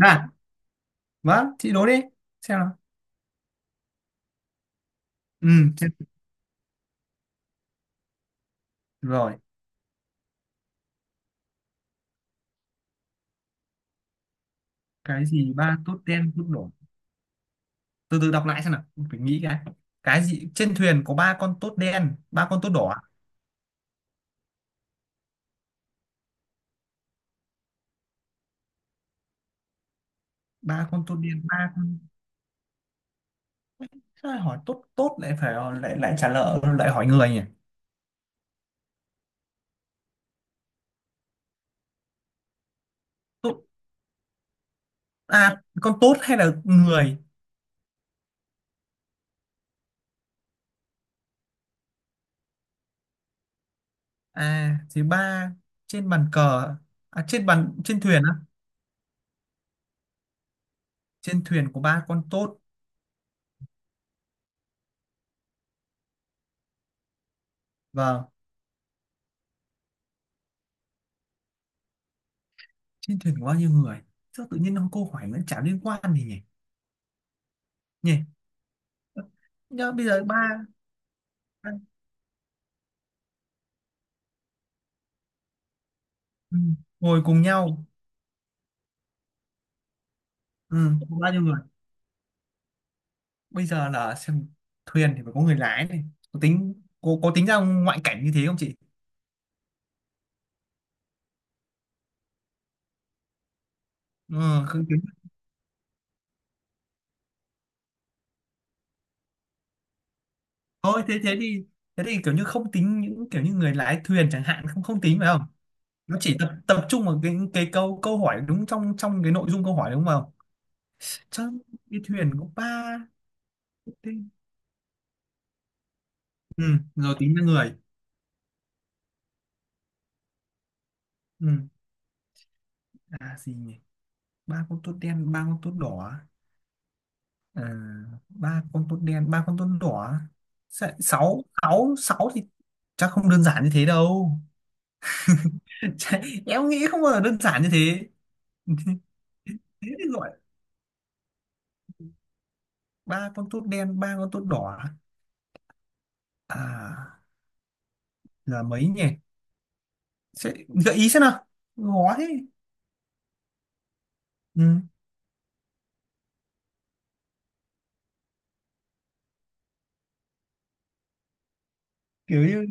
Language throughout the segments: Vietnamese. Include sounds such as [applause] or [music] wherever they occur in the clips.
À, vâng chị đố đi, xem nào. Ừ, xem. Rồi. Cái gì? Ba tốt đen tốt đỏ? Từ từ đọc lại xem nào, phải nghĩ cái gì. Trên thuyền có ba con tốt đen ba con tốt đỏ à? Ba con tốt đen ba con. Sao lại hỏi tốt tốt lại phải lại lại trả lời lại hỏi người nhỉ? Tốt. À con tốt hay là người? À thì ba, trên bàn cờ, à, trên thuyền á. Trên thuyền có ba con tốt. Vâng. Trên thuyền có bao nhiêu người? Sao tự nhiên ông câu hỏi nó chả liên quan gì nhỉ? Nhỉ. Nhớ bây giờ ba. ba- ừ. Ngồi cùng nhau. Ừ. Có bao nhiêu người? Bây giờ là xem, thuyền thì phải có người lái này. Có tính có tính ra ngoại cảnh như thế không chị? Ừ, không tính. Thôi thế thế thì, thế thì kiểu như không tính những kiểu như người lái thuyền chẳng hạn, không không tính phải không? Nó chỉ tập tập trung vào cái câu câu hỏi đúng, trong trong cái nội dung câu hỏi đúng không? Chứ đi thuyền có ba. Ừ, rồi tính ra người. Ừ. À gì nhỉ, ba con tốt đen ba con tốt đỏ. À, ba con tốt đen ba con tốt đỏ. Sáu sáu sáu thì chắc không đơn giản như thế đâu. [laughs] Em nghĩ không bao giờ đơn giản như thế. Thế thì gọi, ba con tốt đen ba con tốt đỏ à, là mấy nhỉ? Sẽ gợi ý xem nào, khó thế. Ừ, kiểu như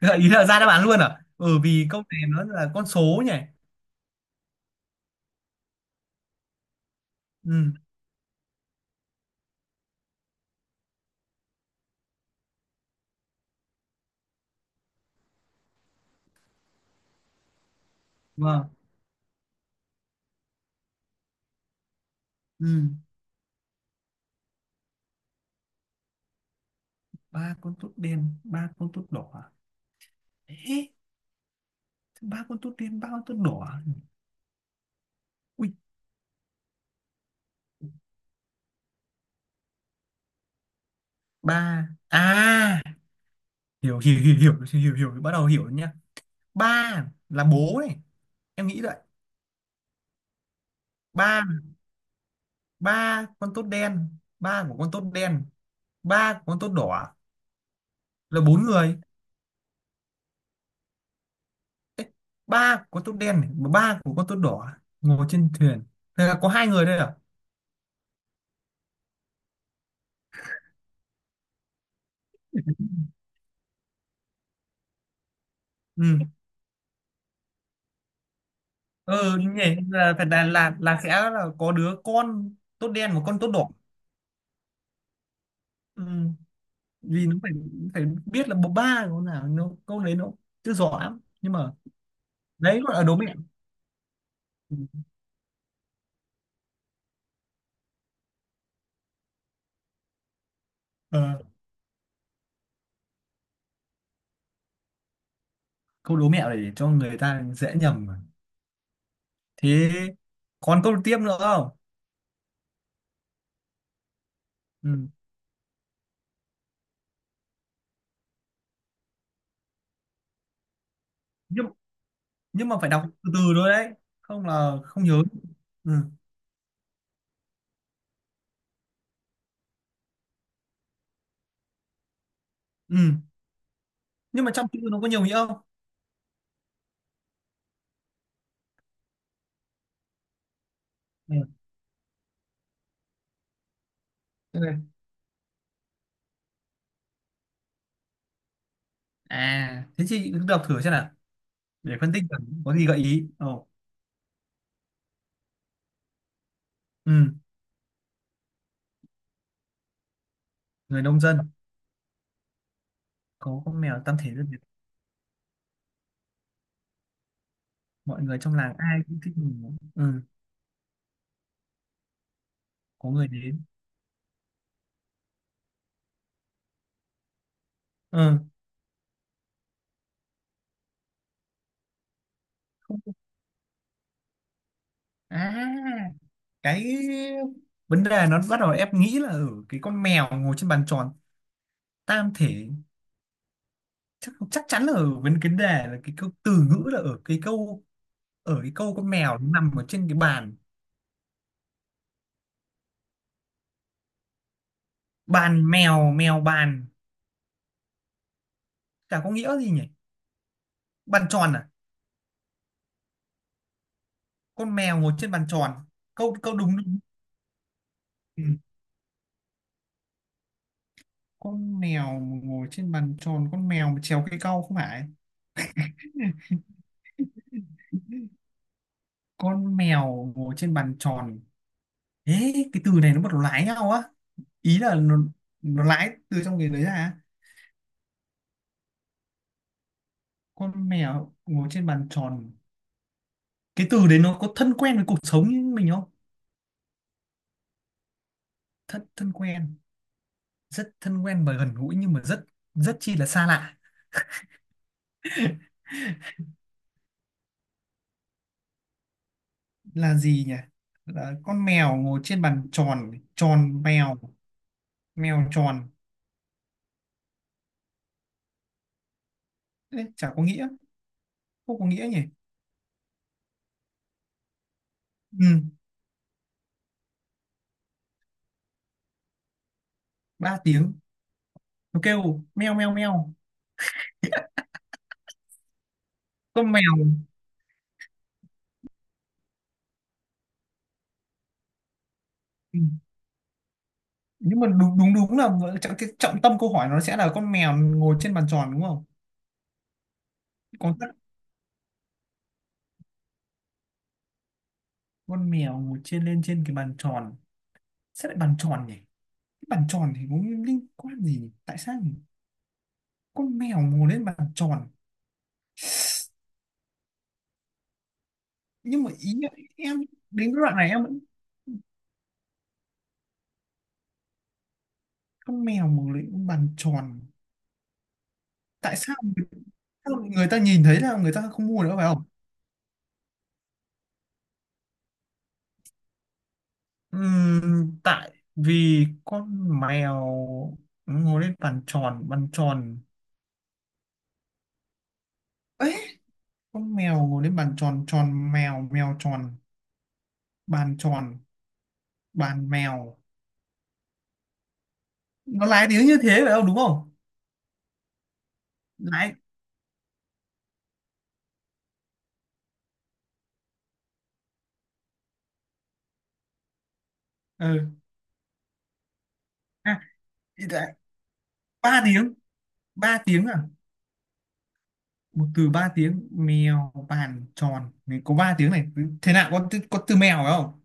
gợi ý là ra đáp án luôn à? Ừ, vì câu này nó là con số nhỉ. Ừ. Vâng. Ừ. Ba con tốt đen ba con tốt đỏ. Ê, ba con tốt đen ba con tốt đỏ. Ui, ba à? Hiểu hiểu hiểu hiểu, hiểu hiểu, bắt đầu hiểu nhá. Ba là bố này, em nghĩ vậy. Ba, ba con tốt đen, ba của con tốt đen, ba của con tốt đỏ, là bốn người. Ba của con tốt đen này, mà ba của con tốt đỏ, ngồi trên thuyền, thế là có hai người đây à? Ừ. Ừ, như vậy là phải là là sẽ là có đứa con tốt đen và con tốt đỏ. Ừ. Vì nó phải, phải biết là bố ba của con nào, nó câu đấy nó chưa rõ lắm nhưng mà. Đấy gọi là đố mẹo. Ờ, câu đố mẹo này để cho người ta dễ nhầm mà. Thế còn câu tiếp nữa không? Ừ. Nhưng, nhưng mà phải đọc từ từ thôi đấy. Không là không nhớ. Ừ. Ừ. Nhưng mà trong chữ nó có nhiều nghĩa không? Ừ. Thế này. À, thế chị cứ đọc thử xem nào. Để phân tích xem có gì gợi ý. Ồ. Ừ. Người nông dân có con mèo tam thể rất Việt. Mọi người trong làng ai cũng thích mình. Ừ. Có người đến. Ừ. Không. À, cái vấn đề nó bắt đầu ép nghĩ là ở cái con mèo ngồi trên bàn tròn, tam thể. Chắc chắc chắn là ở vấn cái đề là cái câu từ ngữ, là ở cái câu, ở cái câu con mèo nó nằm ở trên cái bàn. Bàn mèo mèo bàn, chả có nghĩa gì nhỉ. Bàn tròn à? Con mèo ngồi trên bàn tròn, câu câu đúng đúng. Ừ. Con mèo ngồi trên bàn tròn, con mèo mà trèo cây cau không phải. Con mèo ngồi trên bàn tròn. Ế, cái từ này nó bắt đầu lái nhau á. Ý là nó lái từ trong cái đấy ra. Con mèo ngồi trên bàn tròn. Cái từ đấy nó có thân quen với cuộc sống như mình không? Thân thân quen, rất thân quen và gần gũi nhưng mà rất, rất chi là xa lạ. Là gì nhỉ? Là con mèo ngồi trên bàn tròn, tròn mèo mèo tròn. Ê, chả có nghĩa, không có nghĩa nhỉ. Ừ, ba tiếng. Nó kêu meo meo meo. Con mèo. Ừ. Nhưng mà đúng đúng đúng là cái trọng tâm câu hỏi nó sẽ là con mèo ngồi trên bàn tròn đúng không? Còn con mèo ngồi lên trên cái bàn tròn, sẽ lại bàn tròn nhỉ. Cái bàn tròn thì có liên quan gì nhỉ? Tại sao nhỉ? Con mèo ngồi lên bàn tròn. Nhưng mà ý là em, đến cái đoạn này em vẫn. Con mèo ngồi lên bàn tròn. Tại sao người, sao người ta nhìn thấy là người ta không mua nữa phải không? Tại vì con mèo ngồi lên bàn tròn, bàn tròn. Ấy, con mèo ngồi lên bàn tròn, tròn mèo mèo tròn. Bàn tròn, bàn mèo. Nó lái tiếng như thế phải không, đúng không? Lái. Ừ. À, thì đã- ba tiếng. Ba tiếng à? Một từ ba tiếng, mèo bàn tròn. Này, có ba tiếng này. Thế nào có từ mèo phải không?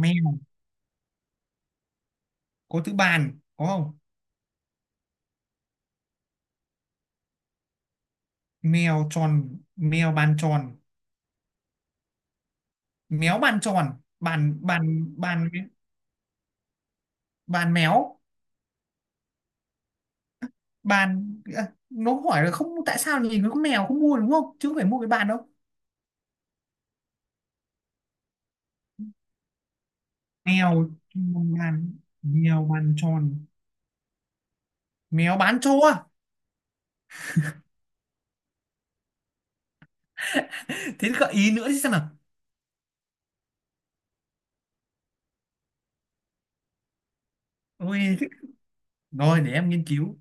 Mèo. Có từ bàn có không? Mèo tròn mèo bàn tròn. Méo bàn tròn. Bàn. Bàn méo. Bàn. À, nó hỏi là không, tại sao nhìn nó có mèo không mua đúng không, chứ không phải mua cái bàn đâu. Mèo bàn, mèo bàn tròn. Mèo bán trâu à? Thế gợi ý nữa chứ, xem nào. Ôi, rồi để em nghiên cứu.